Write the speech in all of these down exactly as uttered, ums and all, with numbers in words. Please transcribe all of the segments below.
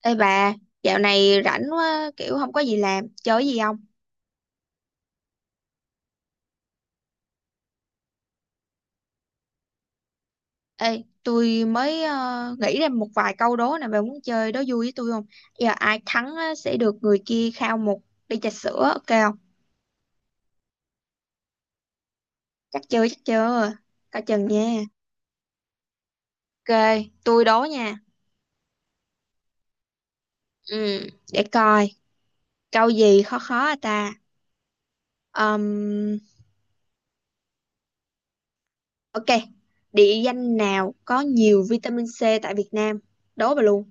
Ê bà, dạo này rảnh quá, kiểu không có gì làm, chơi gì không? Ê, tôi mới ờ, nghĩ ra một vài câu đố nè, bà muốn chơi đố vui với tôi không? Giờ ai thắng á, sẽ được người kia khao một ly trà sữa, ok không? Chắc chưa, chắc chưa, coi chừng nha. Ok, tôi đố nha. Ừ, để coi, câu gì khó khó à ta? Ừm, ok, địa danh nào có nhiều vitamin C tại Việt Nam? Đố bà luôn.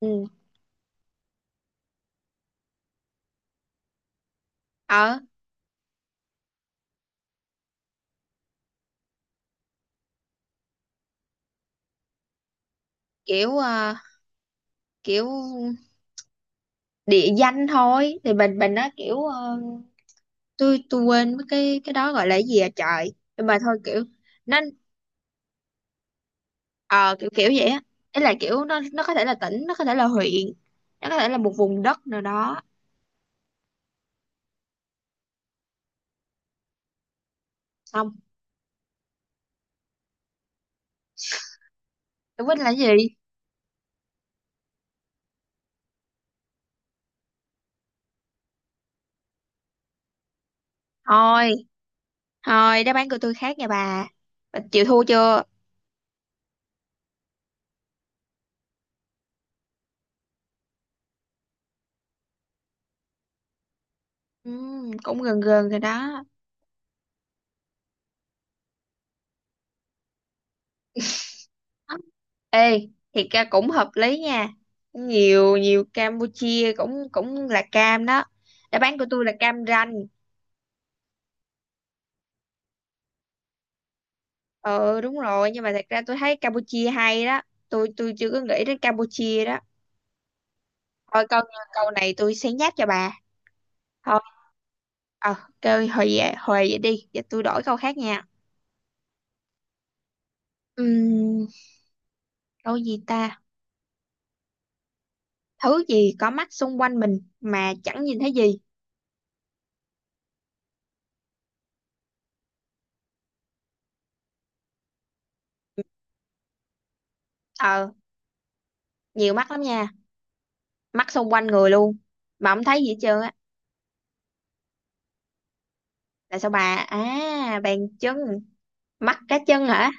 Ừ, ở kiểu ờ, kiểu địa danh thôi thì mình mình nó kiểu ờ, tôi tôi quên mất cái cái đó gọi là cái gì à trời nhưng mà thôi kiểu nó ờ, kiểu kiểu vậy á, ý là kiểu nó nó có thể là tỉnh, nó có thể là huyện, nó có thể là một vùng đất nào đó xong tôi quên là cái gì. Thôi thôi đáp án của tôi khác nha bà. Bà chịu thua chưa? Ừm, cũng gần gần rồi đó. Ê thì ca cũng hợp lý nha, nhiều nhiều Campuchia cũng cũng là cam đó. Đáp án của tôi là Cam Ranh. Ừ, đúng rồi, nhưng mà thật ra tôi thấy Campuchia hay đó. Tôi tôi chưa có nghĩ đến Campuchia đó. Thôi câu câu này tôi sẽ nháp cho bà. Thôi, ờ kêu hồi về hồi vậy đi, giờ tôi đổi câu khác nha. Ừm, Câu gì ta? Thứ gì có mắt xung quanh mình mà chẳng nhìn thấy gì? ờ Nhiều mắt lắm nha, mắt xung quanh người luôn mà không thấy gì hết trơn á. Là sao bà? À, bàn chân? Mắt cá chân hả?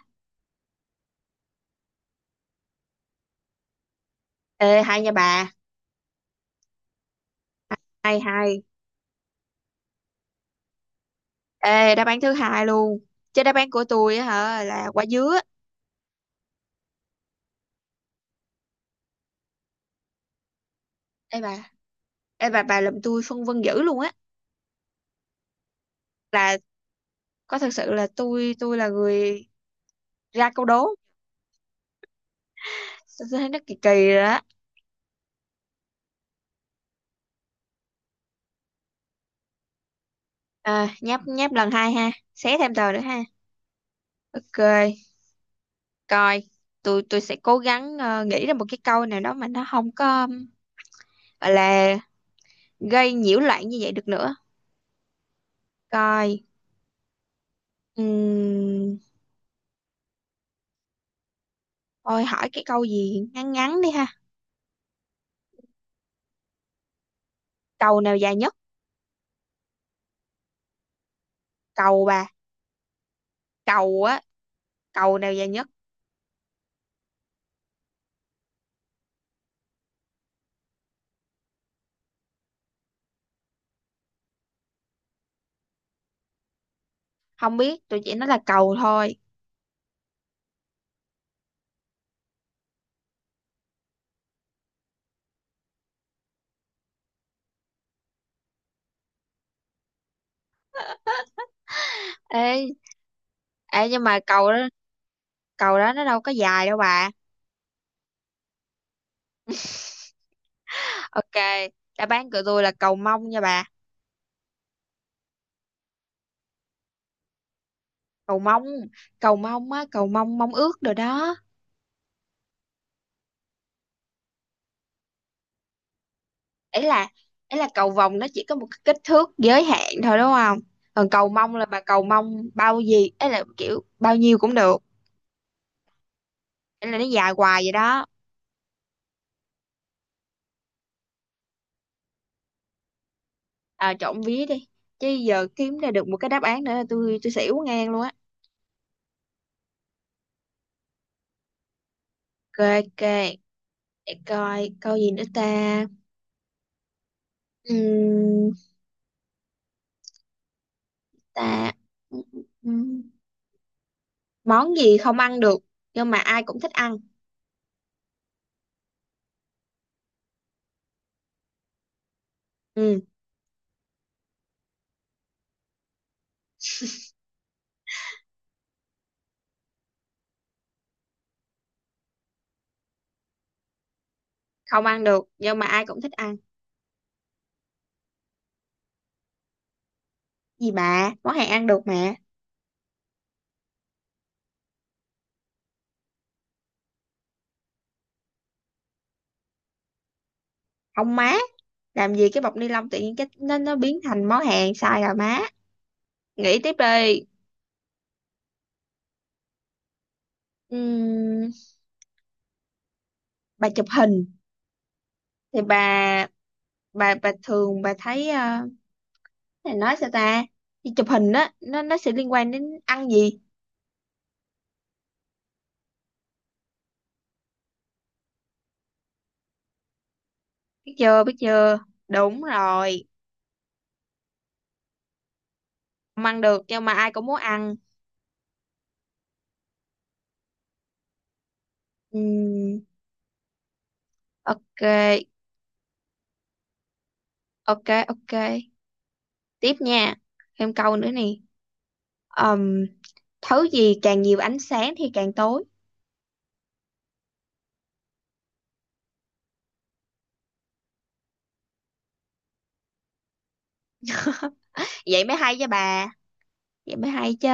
Ê hay nha bà, hay hay. Ê, đáp án thứ hai luôn. Chứ đáp án của tôi á hả là quả dứa. Ê bà, ê bà bà làm tôi phân vân dữ luôn á. Là có thật sự là tôi tôi là người ra câu đố. Tôi thấy nó kỳ kỳ rồi đó. À, nháp nháp lần hai ha. Xé thêm tờ nữa ha. Ok, coi. Tôi tôi sẽ cố gắng ờ, nghĩ ra một cái câu nào đó mà nó không có um, gọi là gây nhiễu loạn như vậy được nữa. Coi. Ừm, Thôi hỏi cái câu gì ngắn ngắn đi ha. Cầu nào dài nhất? Cầu bà. Cầu á, cầu nào dài nhất. Không biết, tôi chỉ nói là cầu thôi. Ê ê nhưng mà cầu đó cầu đó nó đâu có dài đâu bà. Ok, đáp án của tôi là cầu mông nha bà. Cầu mông, cầu mông á, cầu mông mông ước rồi đó. Ấy là ấy là cầu vồng, nó chỉ có một cái kích thước giới hạn thôi đúng không. Còn cầu mông là bà cầu mông bao gì ấy, là kiểu bao nhiêu cũng được. Ấy là nó dài hoài vậy đó. À, trộn vía đi chứ, giờ kiếm ra được một cái đáp án nữa là tôi tôi xỉu ngang luôn á. Ok, ok. Để coi câu gì nữa ta. Ừm, Ta. Ừm, Món gì không ăn được nhưng mà ai cũng thích ăn? Ừm, Không ăn được nhưng mà ai cũng thích ăn. Gì bà, món hàng ăn được mà. Không má, làm gì cái bọc ni lông tự nhiên cái nó nó biến thành món hàng, sai rồi má. Nghĩ tiếp đi. Ừm, bà chụp hình thì bà bà bà thường bà thấy ờ, này nói sao ta, đi chụp hình đó nó nó sẽ liên quan đến ăn gì. Biết chưa biết chưa? Đúng rồi. Không ăn được nhưng mà ai cũng muốn ăn. Ừm, ok, ok, ok, tiếp nha, thêm câu nữa nè. Ừm, Thứ gì càng nhiều ánh sáng thì càng tối? Vậy mới hay chứ bà, vậy mới hay chứ.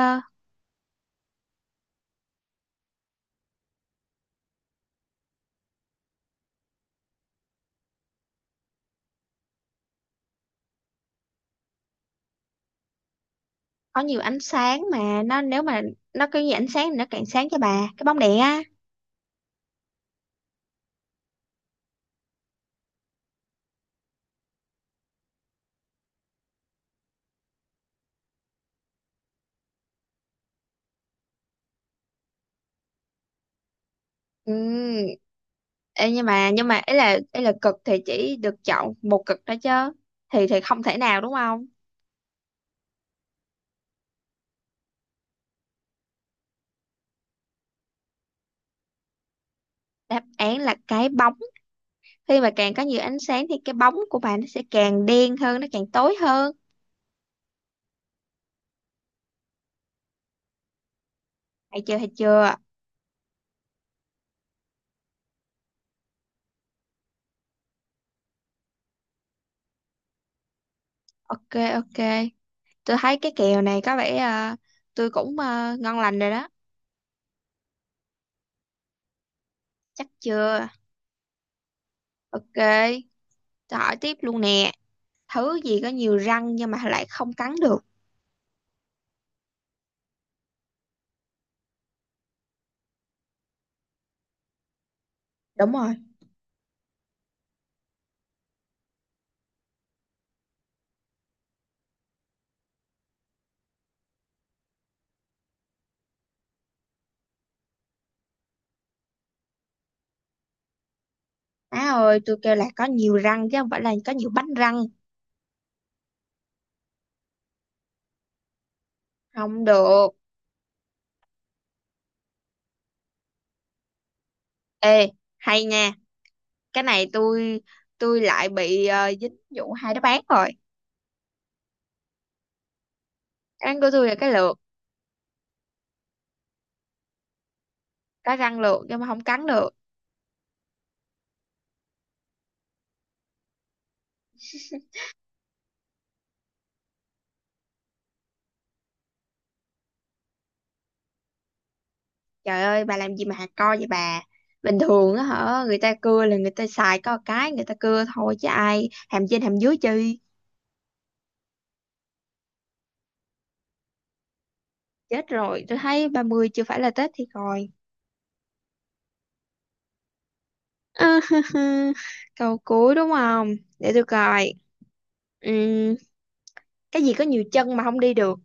Có nhiều ánh sáng mà nó, nếu mà nó có nhiều ánh sáng thì nó càng sáng, cho bà cái bóng đèn á. Ừm, Ê, nhưng mà nhưng mà ấy là ấy là cực thì chỉ được chọn một cực đó chứ, thì thì không thể nào đúng không. Đáp án là cái bóng. Khi mà càng có nhiều ánh sáng thì cái bóng của bạn nó sẽ càng đen hơn, nó càng tối hơn. Thấy chưa thấy chưa? Ok, ok, tôi thấy cái kèo này có vẻ ờ, tôi cũng ờ, ngon lành rồi đó. Chắc chưa. Ok, tôi hỏi tiếp luôn nè. Thứ gì có nhiều răng nhưng mà lại không cắn được? Đúng rồi. Má ơi, tôi kêu là có nhiều răng chứ không phải là có nhiều bánh răng. Không được. Ê hay nha, cái này tôi tôi lại bị ờ, dính vụ hai đáp án rồi. Đáp án của tôi là cái lược, có răng lược nhưng mà không cắn được. Trời ơi bà làm gì mà hạt co vậy bà. Bình thường á hả? Người ta cưa là người ta xài có một cái. Người ta cưa thôi chứ ai hàm trên hàm dưới chi. Chết rồi, tôi thấy ba mươi chưa phải là Tết thì coi. À, câu cuối đúng không? Để tôi coi. Ừm, Cái gì có nhiều chân mà không đi được?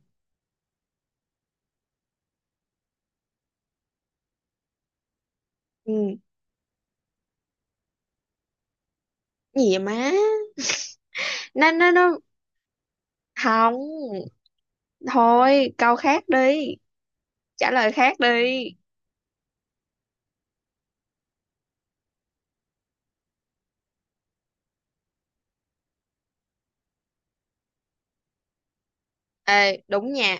Ừm, Gì vậy má? Nó nó nó Không. Thôi câu khác đi, trả lời khác đi. Ê đúng nha.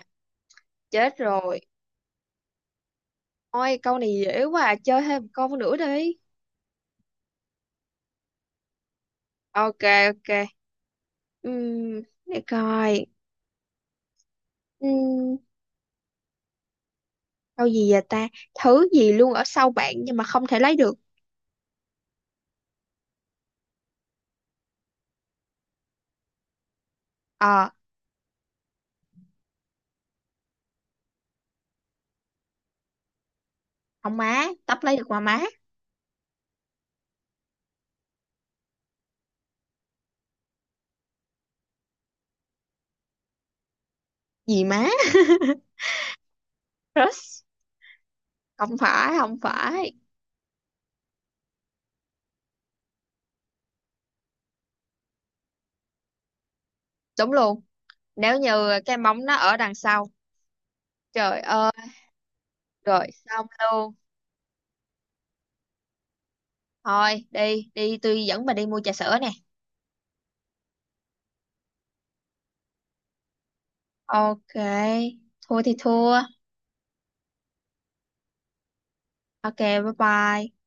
Chết rồi. Ôi câu này dễ quá à. Chơi thêm một câu nữa đi. Ok, ok. Ừm, Để coi. Ừm, Câu gì vậy ta? Thứ gì luôn ở sau bạn nhưng mà không thể lấy được? Ờ, không má, tóc lấy được mà má. Gì má? Crush? Không phải không phải. Đúng luôn. Nếu như cái móng nó ở đằng sau. Trời ơi. Rồi xong luôn. Thôi đi đi, tôi dẫn bà đi mua trà sữa nè. Ok, thua thì thua. Ok bye bye.